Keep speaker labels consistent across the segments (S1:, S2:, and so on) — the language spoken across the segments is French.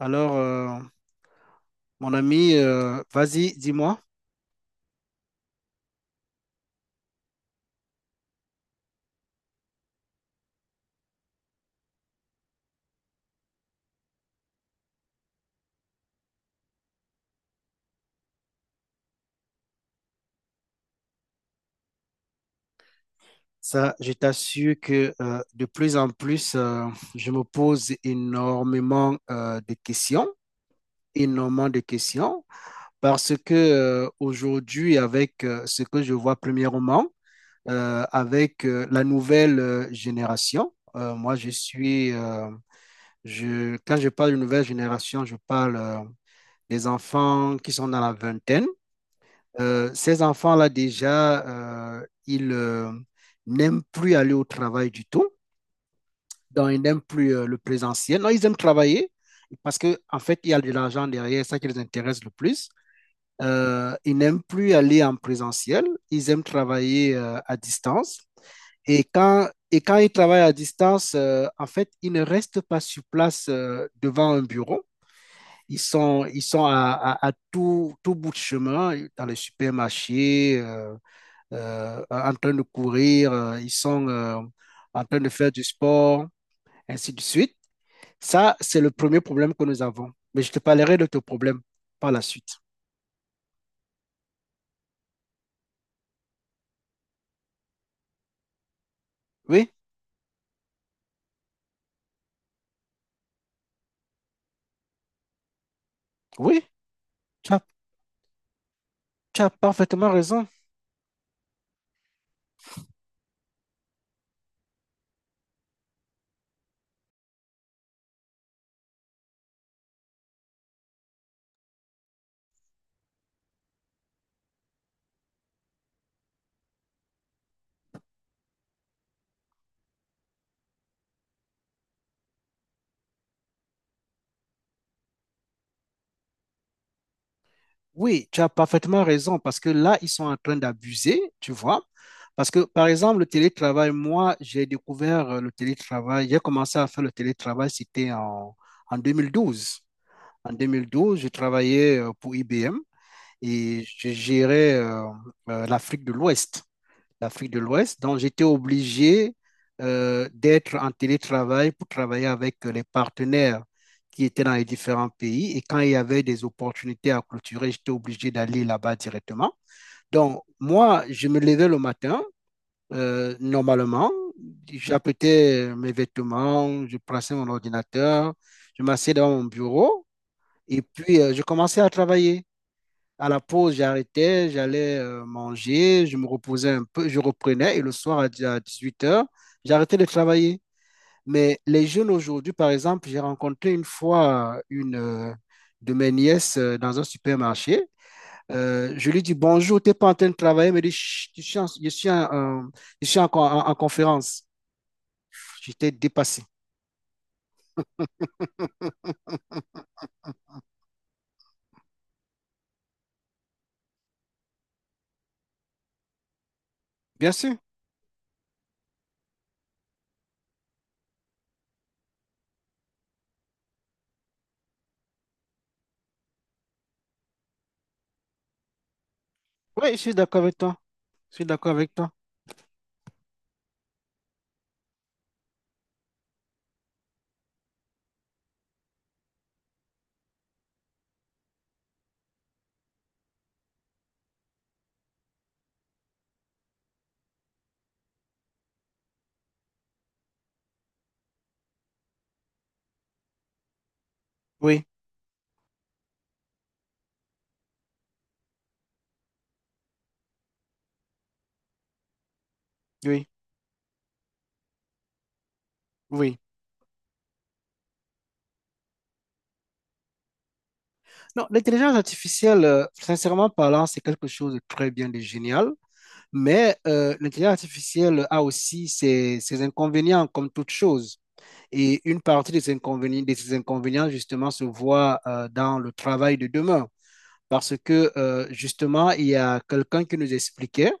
S1: Alors, mon ami, vas-y, dis-moi. Ça, je t'assure que de plus en plus, je me pose énormément de questions, énormément de questions, parce que aujourd'hui, avec ce que je vois premièrement, avec la nouvelle génération, moi, quand je parle de nouvelle génération, je parle des enfants qui sont dans la vingtaine. Ces enfants-là, déjà, ils n'aiment plus aller au travail du tout. Donc, ils n'aiment plus le présentiel. Non, ils aiment travailler parce qu'en en fait, il y a de l'argent derrière, ça qui les intéresse le plus. Ils n'aiment plus aller en présentiel. Ils aiment travailler à distance. Et quand ils travaillent à distance, en fait, ils ne restent pas sur place devant un bureau. Ils sont à, à tout bout de chemin, dans les supermarchés, en train de courir, ils sont en train de faire du sport, ainsi de suite. Ça, c'est le premier problème que nous avons. Mais je te parlerai de ton problème par la suite. Oui, oui, tu as, tu as parfaitement raison. Oui, tu as parfaitement raison parce que là, ils sont en train d'abuser, tu vois. Parce que, par exemple, le télétravail, moi, j'ai découvert le télétravail, j'ai commencé à faire le télétravail, c'était en 2012. En 2012, je travaillais pour IBM et je gérais l'Afrique de l'Ouest. L'Afrique de l'Ouest. Donc, j'étais obligé d'être en télétravail pour travailler avec les partenaires qui étaient dans les différents pays. Et quand il y avait des opportunités à clôturer, j'étais obligé d'aller là-bas directement. Donc, moi, je me levais le matin, normalement. J'apprêtais mes vêtements, je prenais mon ordinateur, je m'asseyais devant mon bureau et puis je commençais à travailler. À la pause, j'arrêtais, j'allais manger, je me reposais un peu, je reprenais et le soir à 18 h, j'arrêtais de travailler. Mais les jeunes aujourd'hui, par exemple, j'ai rencontré une fois une de mes nièces dans un supermarché. Je lui dis bonjour, t'es pas en train de travailler, elle me dit Chut, je suis en conférence. J'étais dépassé. Bien sûr. Oui, je suis d'accord avec toi. Je suis d'accord avec toi. Oui, oui, oui. Non, l'intelligence artificielle, sincèrement parlant, c'est quelque chose de très bien, de génial, mais l'intelligence artificielle a aussi ses inconvénients, comme toute chose. Et une partie de ces inconvénients justement, se voit dans le travail de demain. Parce que, justement, il y a quelqu'un qui nous expliquait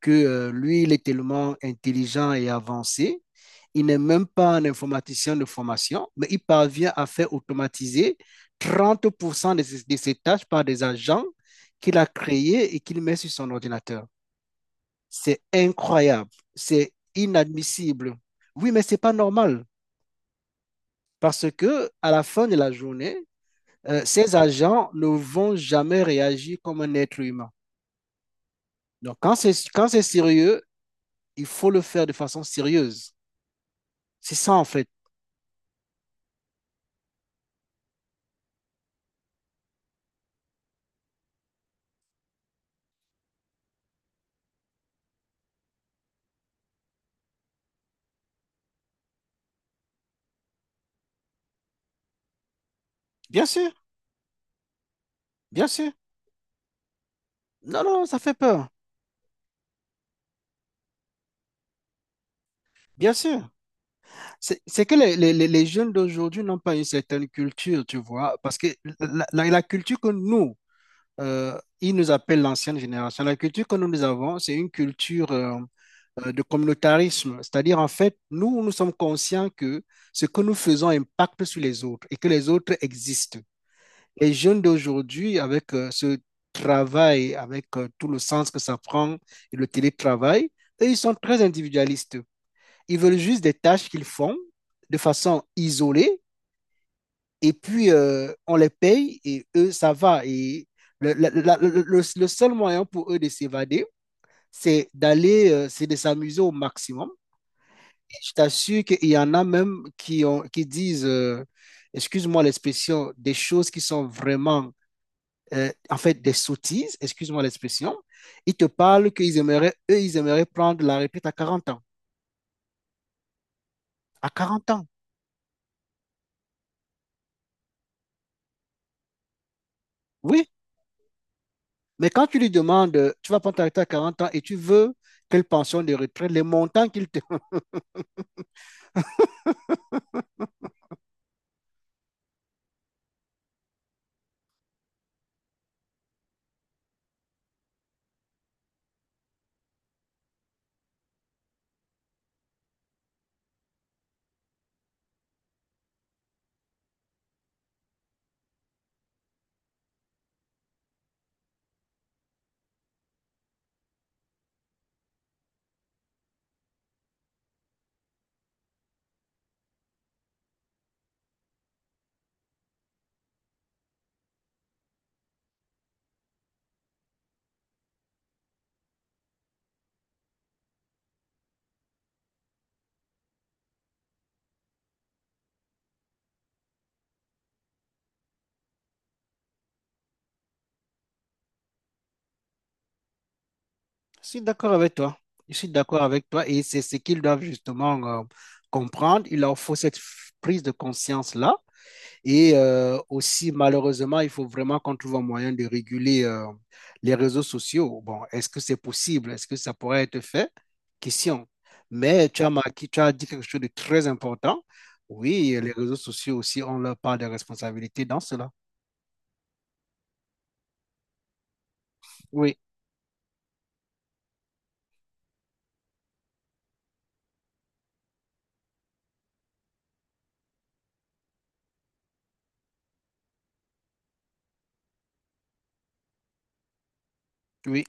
S1: que lui, il est tellement intelligent et avancé il n'est même pas un informaticien de formation, mais il parvient à faire automatiser 30% de de ses tâches par des agents qu'il a créés et qu'il met sur son ordinateur. C'est incroyable, c'est inadmissible. Oui, mais c'est pas normal parce que à la fin de la journée, ces agents ne vont jamais réagir comme un être humain. Donc, quand c'est sérieux, il faut le faire de façon sérieuse. C'est ça, en fait. Bien sûr, bien sûr. Non, non, ça fait peur. Bien sûr. C'est que les jeunes d'aujourd'hui n'ont pas une certaine culture, tu vois, parce que la culture que nous, ils nous appellent l'ancienne génération, la culture que nous, nous avons, c'est une culture de communautarisme. C'est-à-dire, en fait, nous, nous sommes conscients que ce que nous faisons impacte sur les autres et que les autres existent. Les jeunes d'aujourd'hui, avec ce travail, avec tout le sens que ça prend et le télétravail, eux, ils sont très individualistes. Ils veulent juste des tâches qu'ils font de façon isolée et puis on les paye et eux, ça va. Et le, la- la- le seul moyen pour eux de s'évader, c'est de s'amuser au maximum. Et je t'assure qu'il y en a même qui disent, excuse-moi l'expression, des choses qui sont vraiment, en fait, des sottises, excuse-moi l'expression. Ils te parlent qu'ils aimeraient, eux, ils aimeraient prendre la retraite à 40 ans. À 40 ans, oui. Mais quand tu lui demandes, tu vas prendre ta retraite à 40 ans et tu veux quelle pension de retraite, les montants qu'il te... Je suis d'accord avec toi. Je suis d'accord avec toi et c'est ce qu'ils doivent justement comprendre. Il leur faut cette prise de conscience-là. Et aussi, malheureusement, il faut vraiment qu'on trouve un moyen de réguler les réseaux sociaux. Bon, est-ce que c'est possible? Est-ce que ça pourrait être fait? Question. Mais tu as dit quelque chose de très important. Oui, les réseaux sociaux aussi ont leur part de responsabilité dans cela. Oui, oui,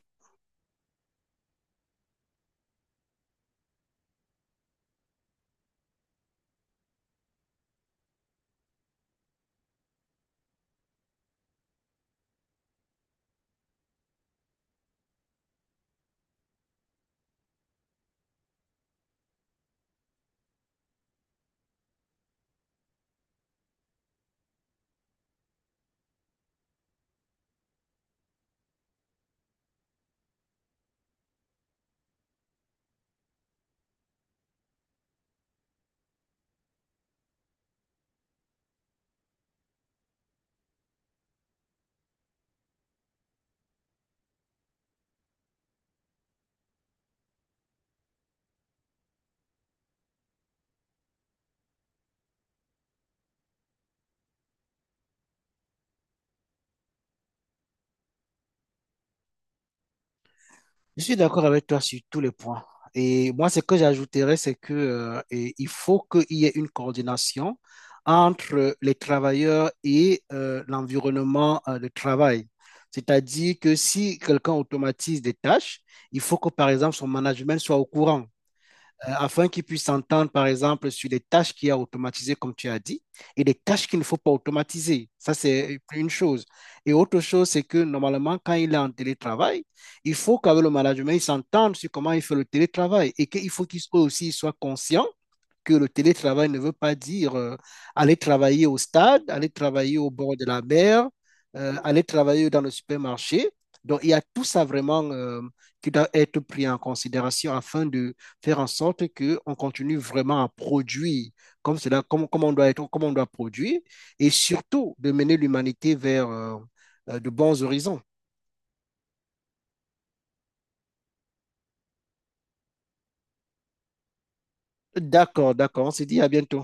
S1: je suis d'accord avec toi sur tous les points. Et moi, ce que j'ajouterais, c'est que, et il faut qu'il y ait une coordination entre les travailleurs et l'environnement de travail. C'est-à-dire que si quelqu'un automatise des tâches, il faut que, par exemple, son management soit au courant. Euh, afin qu'ils puissent s'entendre, par exemple, sur les tâches qu'il y a automatisées, comme tu as dit, et les tâches qu'il ne faut pas automatiser. Ça, c'est une chose. Et autre chose, c'est que normalement, quand il est en télétravail, il faut qu'avec le management, il s'entende sur comment il fait le télétravail et qu'il faut qu'il soit aussi il soit conscient que le télétravail ne veut pas dire aller travailler au stade, aller travailler au bord de la mer, aller travailler dans le supermarché. Donc, il y a tout ça vraiment qui doit être pris en considération afin de faire en sorte qu'on continue vraiment à produire comme cela, comme on doit produire, et surtout de mener l'humanité vers de bons horizons. D'accord, d'accord. On se dit à bientôt.